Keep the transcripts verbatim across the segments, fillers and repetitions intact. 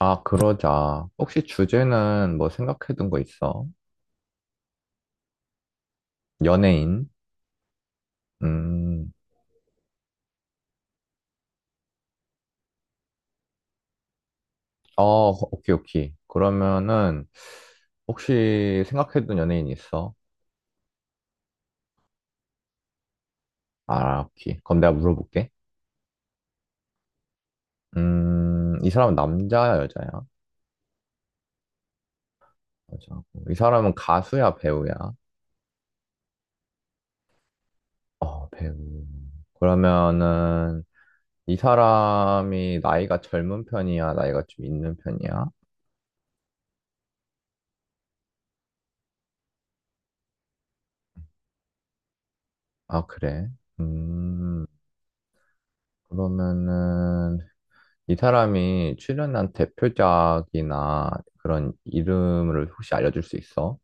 아, 그러자. 혹시 주제는 뭐 생각해둔 거 있어? 연예인? 음, 어, 오케이, 오케이. 그러면은, 혹시 생각해둔 연예인 있어? 아, 오케이. 그럼 내가 물어볼게. 음, 이 사람은 남자야, 여자야? 여자고. 이 사람은 가수야, 배우야? 어, 배우. 그러면은, 이 사람이 나이가 젊은 편이야? 나이가 좀 있는 편이야? 아, 그래. 음, 그러면은, 이 사람이 출연한 대표작이나 그런 이름을 혹시 알려줄 수 있어?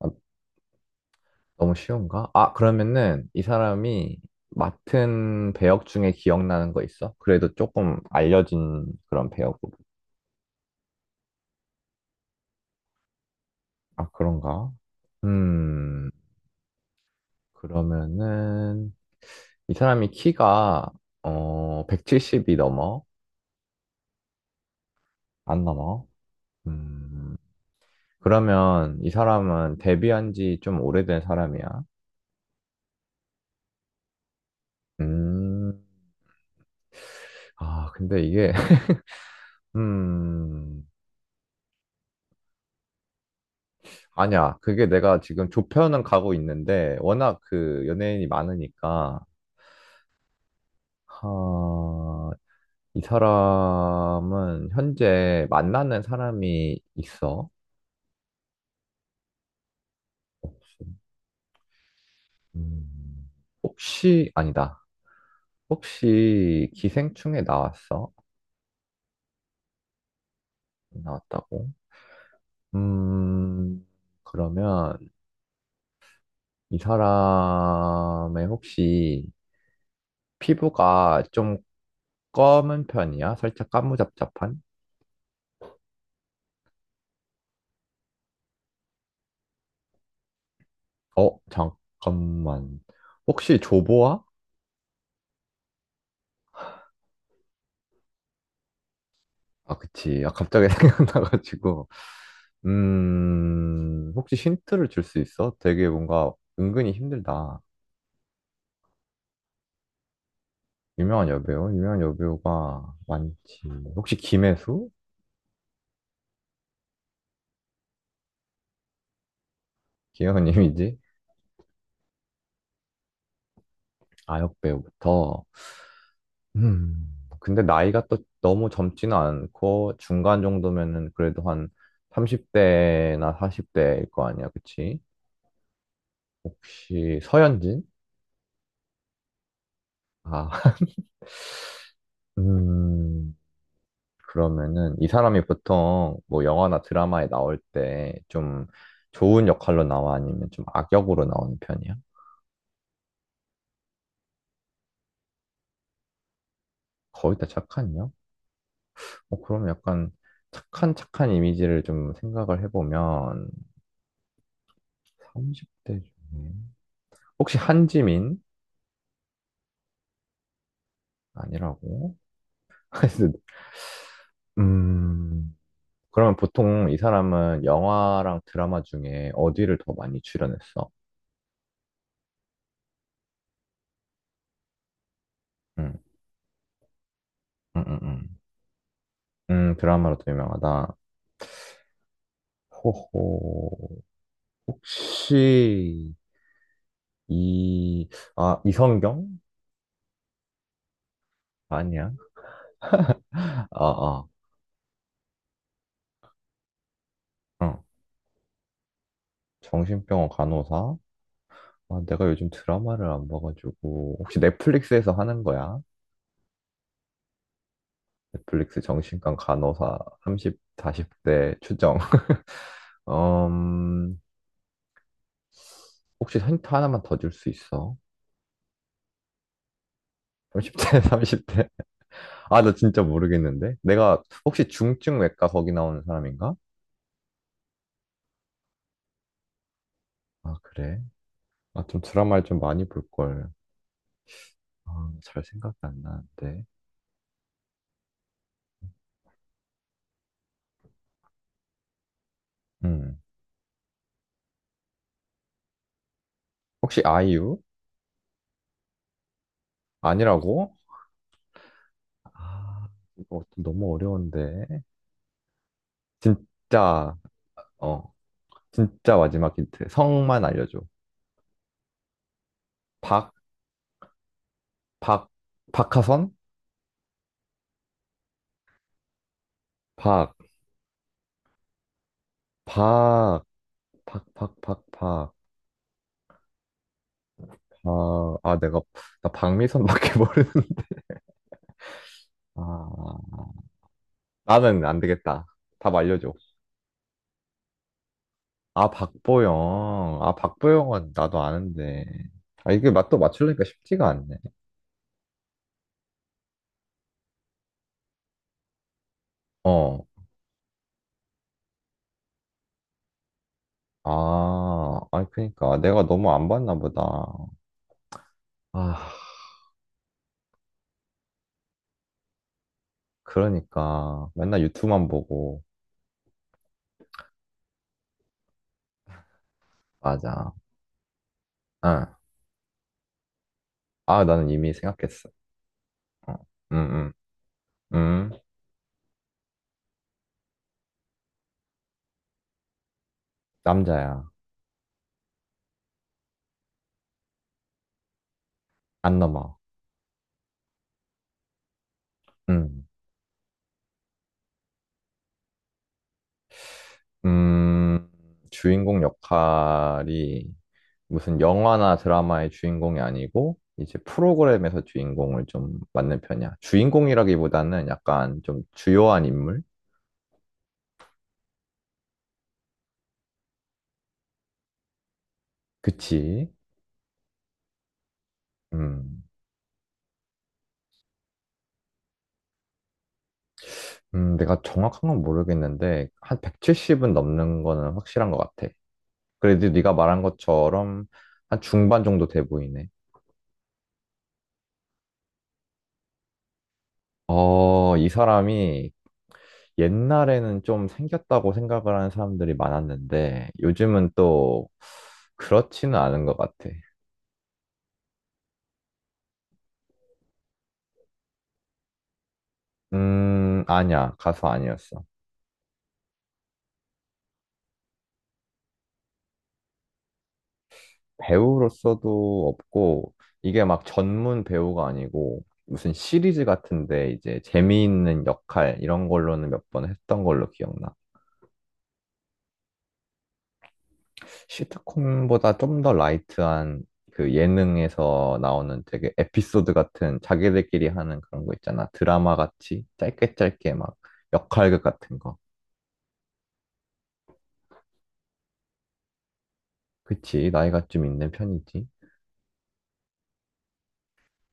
아, 너무 쉬운가? 아, 그러면은 이 사람이 맡은 배역 중에 기억나는 거 있어? 그래도 조금 알려진 그런 배역으로. 아, 그런가? 음, 그러면은 이 사람이 키가 어, 백칠십이 넘어? 안 넘어? 음, 그러면 이 사람은 데뷔한 지 좀 오래된 사람이야? 음, 아, 근데 이게, 음, 아니야. 그게 내가 지금 조편은 가고 있는데, 워낙 그 연예인이 많으니까, 하, 이 사람은 현재 만나는 사람이 있어. 혹시, 음, 혹시, 아니다. 혹시 기생충에 나왔어? 나왔다고? 음, 그러면 이 사람의 혹시 피부가 좀 검은 편이야? 살짝 까무잡잡한? 어, 잠깐만. 혹시 조보아? 아, 그치. 아, 갑자기 생각나가지고. 음, 혹시 힌트를 줄 수 있어? 되게 뭔가 은근히 힘들다. 유명한 여배우? 유명한 여배우가 많지. 혹시 김혜수? 김혜수 님이지? 아, 역배우부터. 음, 근데 나이가 또 너무 젊지는 않고 중간 정도면은 그래도 한 삼십 대나 사십 대일 거 아니야, 그치? 혹시 서현진? 아, 음, 그러면은 이 사람이 보통 뭐 영화나 드라마에 나올 때 좀 좋은 역할로 나와 아니면 좀 악역으로 나오는 편이야? 거의 다 착한 역? 어, 그럼 약간 착한 착한 이미지를 좀 생각을 해보면 삼십 대 중에 혹시 한지민? 아니라고? 그래서, 음, 그러면 보통 이 사람은 영화랑 드라마 중에 어디를 더 많이 출연했어? 음, 음, 음, 음. 음, 드라마로 더 유명하다. 호호, 혹시, 이, 아, 이성경? 아니야. 아, 아, 어. 정신병원 간호사? 아, 내가 요즘 드라마를 안 봐가지고, 혹시 넷플릭스에서 하는 거야? 넷플릭스 정신과 간호사 삼십, 사십 대 추정. 음, 혹시 힌트 하나만 더 줄 수 있어? 삼십 대, 삼십 대. 아, 나 진짜 모르겠는데? 내가 혹시 중증외과 거기 나오는 사람인가? 아, 그래? 아, 좀 드라마를 좀 많이 볼걸. 아, 잘 생각이 안 나는데. 음. 혹시 아이유? 아니라고? 아, 이거 좀 너무 어려운데. 진짜, 어, 진짜 마지막 힌트. 성만 알려줘. 박, 박, 박하선? 박, 박, 박, 박, 박, 박. 아, 아, 내가, 나 박미선밖에 모르는. 아, 나는 안 되겠다. 답 알려줘. 아, 박보영. 아, 박보영은 나도 아는데. 아, 이게 맛도 맞추려니까 쉽지가 않네. 어. 아, 아니, 그니까. 내가 너무 안 봤나 보다. 아, 그러니까. 맨날 유튜브만 보고. 맞아. 응. 아, 나는 이미 생각했어. 응, 응, 응. 응. 남자야. 안 넘어. 응. 음, 주인공 역할이 무슨 영화나 드라마의 주인공이 아니고 이제 프로그램에서 주인공을 좀 맡는 편이야. 주인공이라기보다는 약간 좀 주요한 인물? 그치? 음, 음, 내가 정확한 건 모르겠는데 한 백칠십은 넘는 거는 확실한 것 같아. 그래도 네가 말한 것처럼 한 중반 정도 돼 보이네. 어, 이 사람이 옛날에는 좀 생겼다고 생각을 하는 사람들이 많았는데 요즘은 또 그렇지는 않은 것 같아. 음, 아니야. 가수 아니었어. 배우로서도 없고 이게 막 전문 배우가 아니고 무슨 시리즈 같은데 이제 재미있는 역할 이런 걸로는 몇 번 했던 걸로 기억나. 시트콤보다 좀 더 라이트한 그 예능에서 나오는 되게 에피소드 같은 자기들끼리 하는 그런 거 있잖아. 드라마 같이 짧게 짧게 막 역할극 같은 거. 그치, 나이가 좀 있는 편이지.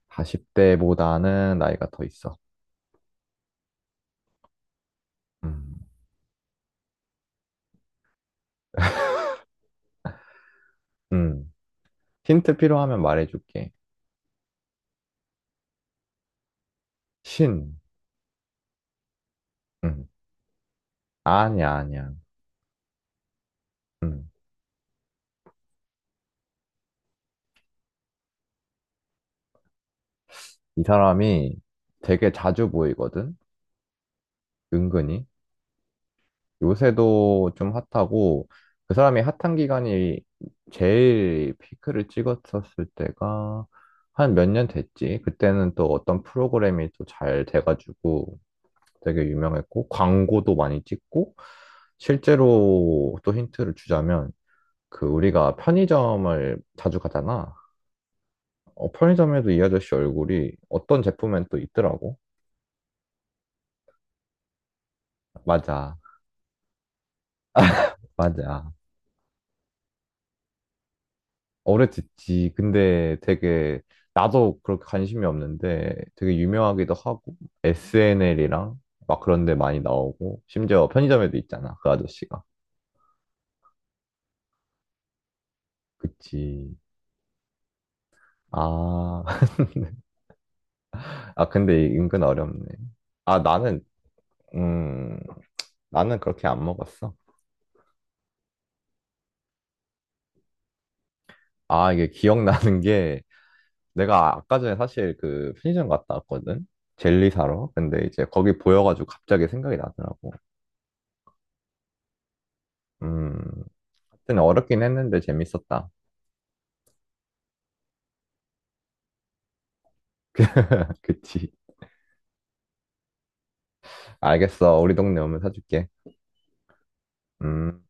사십 대보다는 나이가 더 있어. 음, 음. 힌트 필요하면 말해줄게. 신. 음. 아니야, 아니야. 음. 이 사람이 되게 자주 보이거든? 은근히. 요새도 좀 핫하고 그 사람이 핫한 기간이 제일 피크를 찍었었을 때가 한 몇 년 됐지. 그때는 또 어떤 프로그램이 또 잘 돼가지고 되게 유명했고 광고도 많이 찍고 실제로 또 힌트를 주자면 그 우리가 편의점을 자주 가잖아. 어, 편의점에도 이 아저씨 얼굴이 어떤 제품엔 또 있더라고. 맞아, 맞아. 오래 듣지. 근데 되게 나도 그렇게 관심이 없는데 되게 유명하기도 하고 에스엔엘이랑 막 그런 데 많이 나오고 심지어 편의점에도 있잖아. 그 아저씨가. 그치. 아. 아 근데 이- 은근 어렵네. 아 나는 음 나는 그렇게 안 먹었어. 아 이게 기억나는 게 내가 아까 전에 사실 그 편의점 갔다 왔거든. 젤리 사러. 근데 이제 거기 보여가지고 갑자기 생각이 나더라고. 음. 하여튼 어렵긴 했는데 재밌었다. 그치. 알겠어. 우리 동네 오면 사줄게. 음.